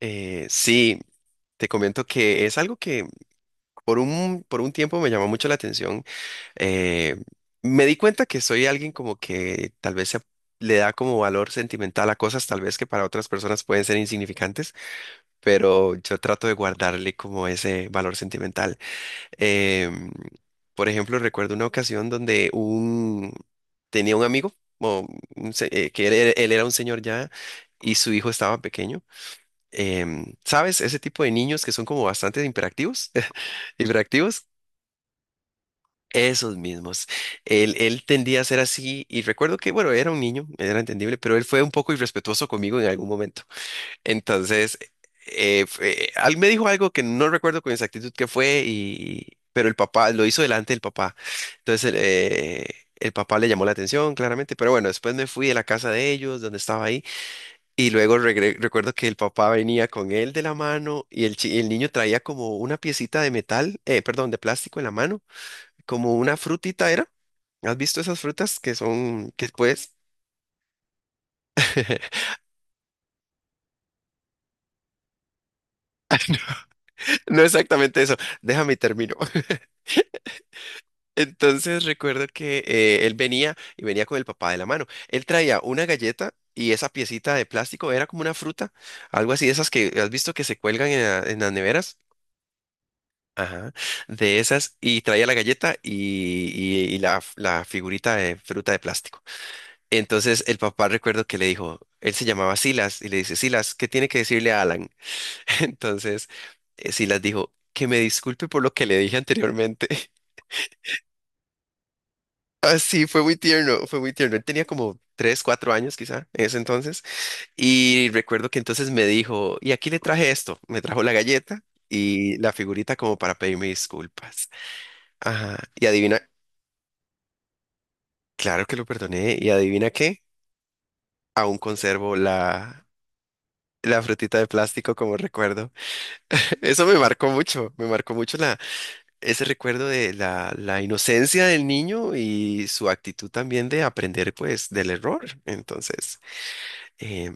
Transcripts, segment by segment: Sí, te comento que es algo que por un tiempo me llamó mucho la atención. Eh, Me di cuenta que soy alguien como que tal vez le da como valor sentimental a cosas tal vez que para otras personas pueden ser insignificantes, pero yo trato de guardarle como ese valor sentimental. Em, por ejemplo, recuerdo una ocasión donde tenía un amigo, o un que él era un señor ya, y su hijo estaba pequeño ¿sabes? Ese tipo de niños que son como bastante hiperactivos, hiperactivos, esos mismos. Él tendía a ser así y recuerdo que, bueno, era un niño, era entendible, pero él fue un poco irrespetuoso conmigo en algún momento. Entonces, me dijo algo que no recuerdo con exactitud qué fue, y, pero el papá lo hizo delante del papá. Entonces, el papá le llamó la atención, claramente, pero bueno, después me fui de la casa de ellos, donde estaba ahí. Y luego recuerdo que el papá venía con él de la mano y el niño traía como una piecita de metal, perdón, de plástico en la mano, como una frutita era. ¿Has visto esas frutas que son, que pues, no exactamente eso, déjame y termino. Entonces recuerdo que él venía y venía con el papá de la mano. Él traía una galleta y esa piecita de plástico era como una fruta, algo así de esas que has visto que se cuelgan en en las neveras. Ajá, de esas y traía la galleta y la figurita de fruta de plástico. Entonces el papá recuerdo que le dijo, él se llamaba Silas y le dice, Silas, ¿qué tiene que decirle a Alan? Entonces Silas dijo, que me disculpe por lo que le dije anteriormente. Ah, sí, fue muy tierno, fue muy tierno. Él tenía como tres, cuatro años quizá en ese entonces. Y recuerdo que entonces me dijo, y aquí le traje esto, me trajo la galleta y la figurita como para pedirme disculpas. Ajá, y adivina. Claro que lo perdoné y adivina qué, aún conservo la frutita de plástico como recuerdo. Eso me marcó mucho ese recuerdo de la inocencia del niño y su actitud también de aprender pues del error. Entonces, eh,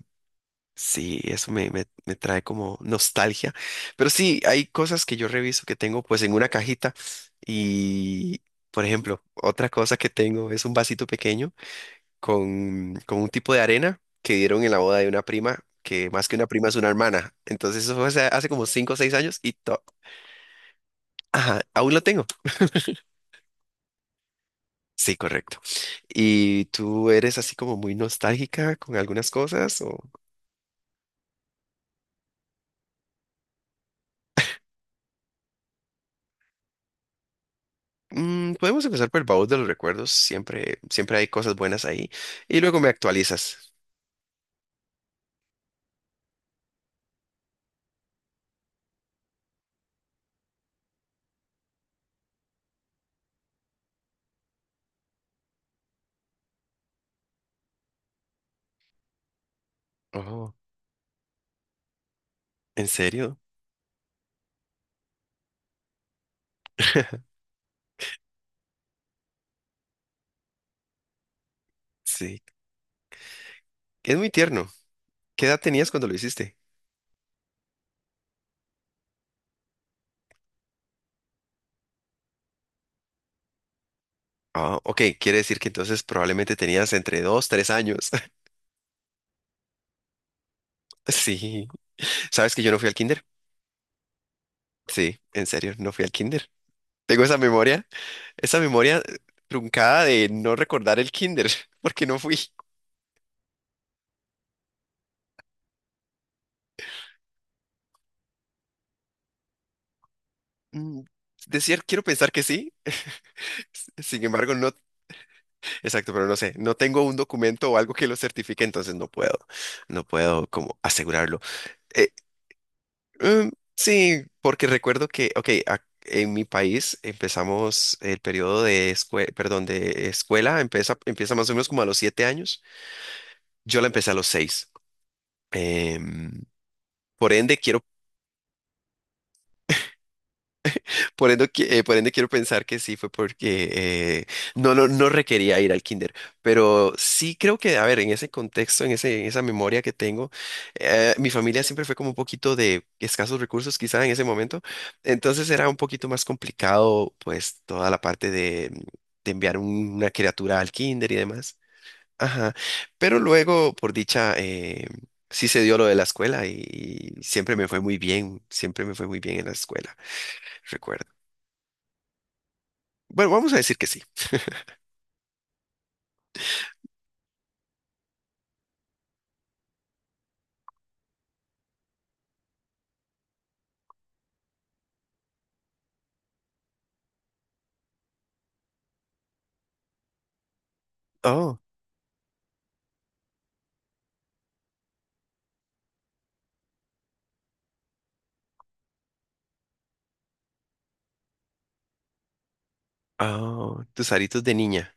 sí, eso me trae como nostalgia. Pero sí, hay cosas que yo reviso que tengo pues en una cajita y, por ejemplo, otra cosa que tengo es un vasito pequeño con un tipo de arena que dieron en la boda de una prima, que más que una prima es una hermana. Entonces eso fue hace como 5 o seis años y ajá, aún lo tengo. Sí, correcto. ¿Y tú eres así como muy nostálgica con algunas cosas? O... Mm, podemos empezar por el baúl de los recuerdos. Siempre, siempre hay cosas buenas ahí. Y luego me actualizas. Oh, ¿en serio? Sí. Es muy tierno. ¿Qué edad tenías cuando lo hiciste? Ah, ok, quiere decir que entonces probablemente tenías entre dos, tres años. Sí. ¿Sabes que yo no fui al kinder? Sí, en serio, no fui al kinder. Tengo esa memoria truncada de no recordar el kinder, porque no fui. Mm, decir, quiero pensar que sí, sin embargo, no, exacto, pero no sé, no tengo un documento o algo que lo certifique, entonces no puedo, no puedo como asegurarlo. Eh, mm, sí, porque recuerdo que, ok, en mi país empezamos el periodo de escuela, perdón, de escuela, empieza, empieza más o menos como a los siete años, yo la empecé a los seis. Em, por ende, quiero, por ende, por ende quiero pensar que sí fue porque no requería ir al kinder, pero sí creo que, a ver, en ese contexto, en ese, en esa memoria que tengo, mi familia siempre fue como un poquito de escasos recursos quizá en ese momento, entonces era un poquito más complicado pues toda la parte de enviar una criatura al kinder y demás. Ajá, pero luego, por dicha, sí se dio lo de la escuela y siempre me fue muy bien, siempre me fue muy bien en la escuela, recuerdo. Bueno, vamos a decir que sí. Oh, oh, tus aritos de niña.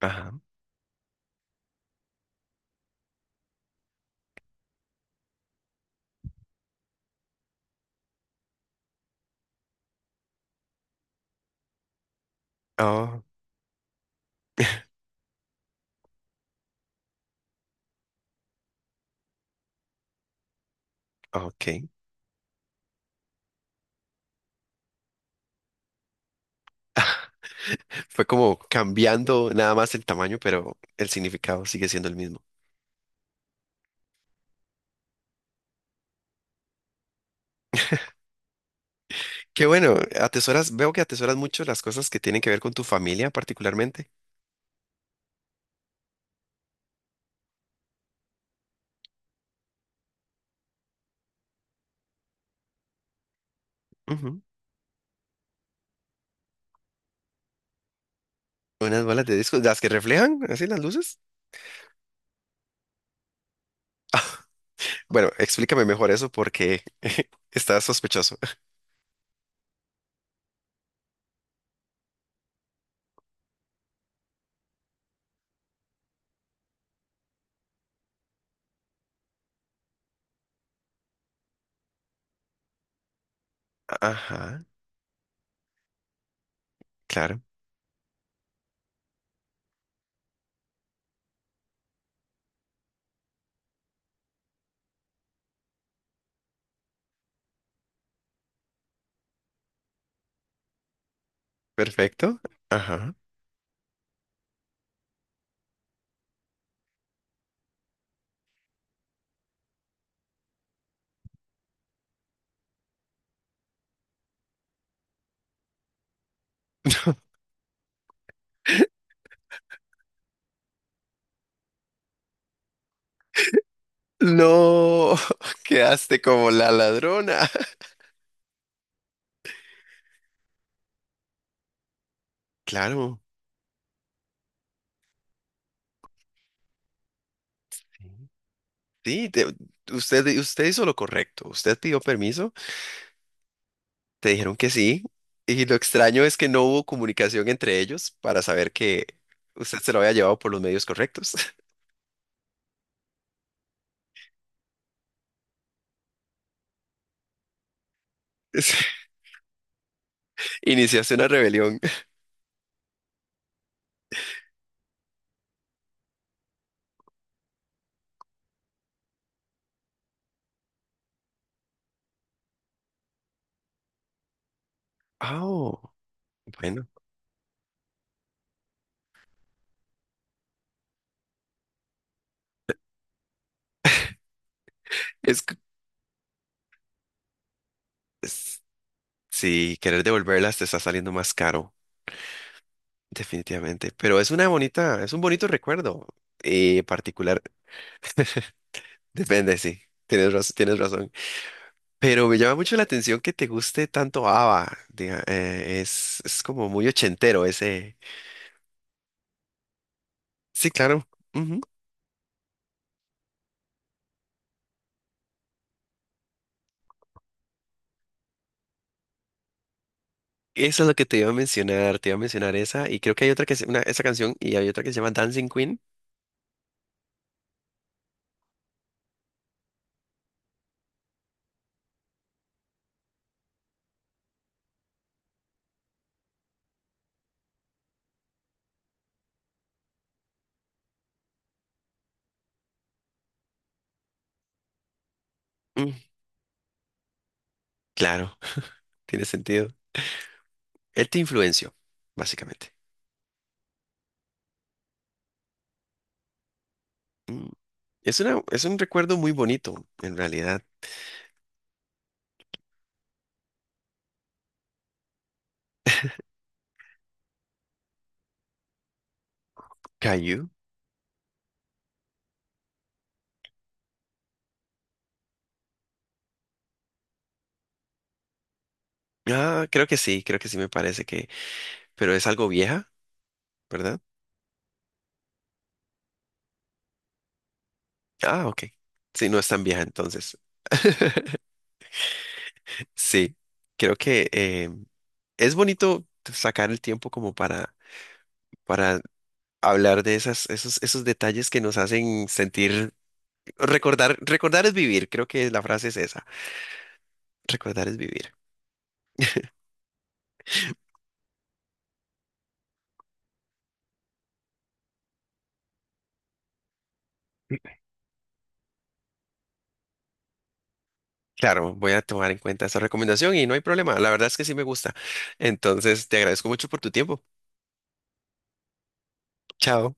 Ajá, oh, ok. Fue como cambiando nada más el tamaño, pero el significado sigue siendo el mismo. Qué bueno, atesoras, veo que atesoras mucho las cosas que tienen que ver con tu familia particularmente. Ujú. Unas bolas de disco, las que reflejan, así las luces. Bueno, explícame mejor eso porque está sospechoso. Ajá, claro. Perfecto. Ajá. No, quedaste como la ladrona. Claro. Sí, sí, usted hizo lo correcto. Usted pidió permiso, te dijeron que sí. Y lo extraño es que no hubo comunicación entre ellos para saber que usted se lo había llevado por los medios correctos. Iniciaste una rebelión. Ah, bueno. Es, sí, querer devolverlas te está saliendo más caro, definitivamente. Pero es una bonita, es un bonito recuerdo particular. Depende, sí. Tienes razón, tienes razón. Pero me llama mucho la atención que te guste tanto ABBA. Es como muy ochentero ese. Sí, claro. Ujú. Eso es lo que te iba a mencionar. Te iba a mencionar esa. Y creo que hay otra que es una, esa canción y hay otra que se llama Dancing Queen. Mm, claro, tiene sentido. Él te influenció, básicamente. Mm, es una, es un recuerdo muy bonito, en realidad. ¿Caillou? Ah, creo que sí me parece que... Pero es algo vieja, ¿verdad? Ah, ok. Sí, no es tan vieja entonces. Sí, creo que es bonito sacar el tiempo como para hablar de esas, esos, esos detalles que nos hacen sentir, recordar, recordar es vivir, creo que la frase es esa, recordar es vivir. Claro, voy a tomar en cuenta esa recomendación y no hay problema, la verdad es que sí me gusta. Entonces, te agradezco mucho por tu tiempo. Chao.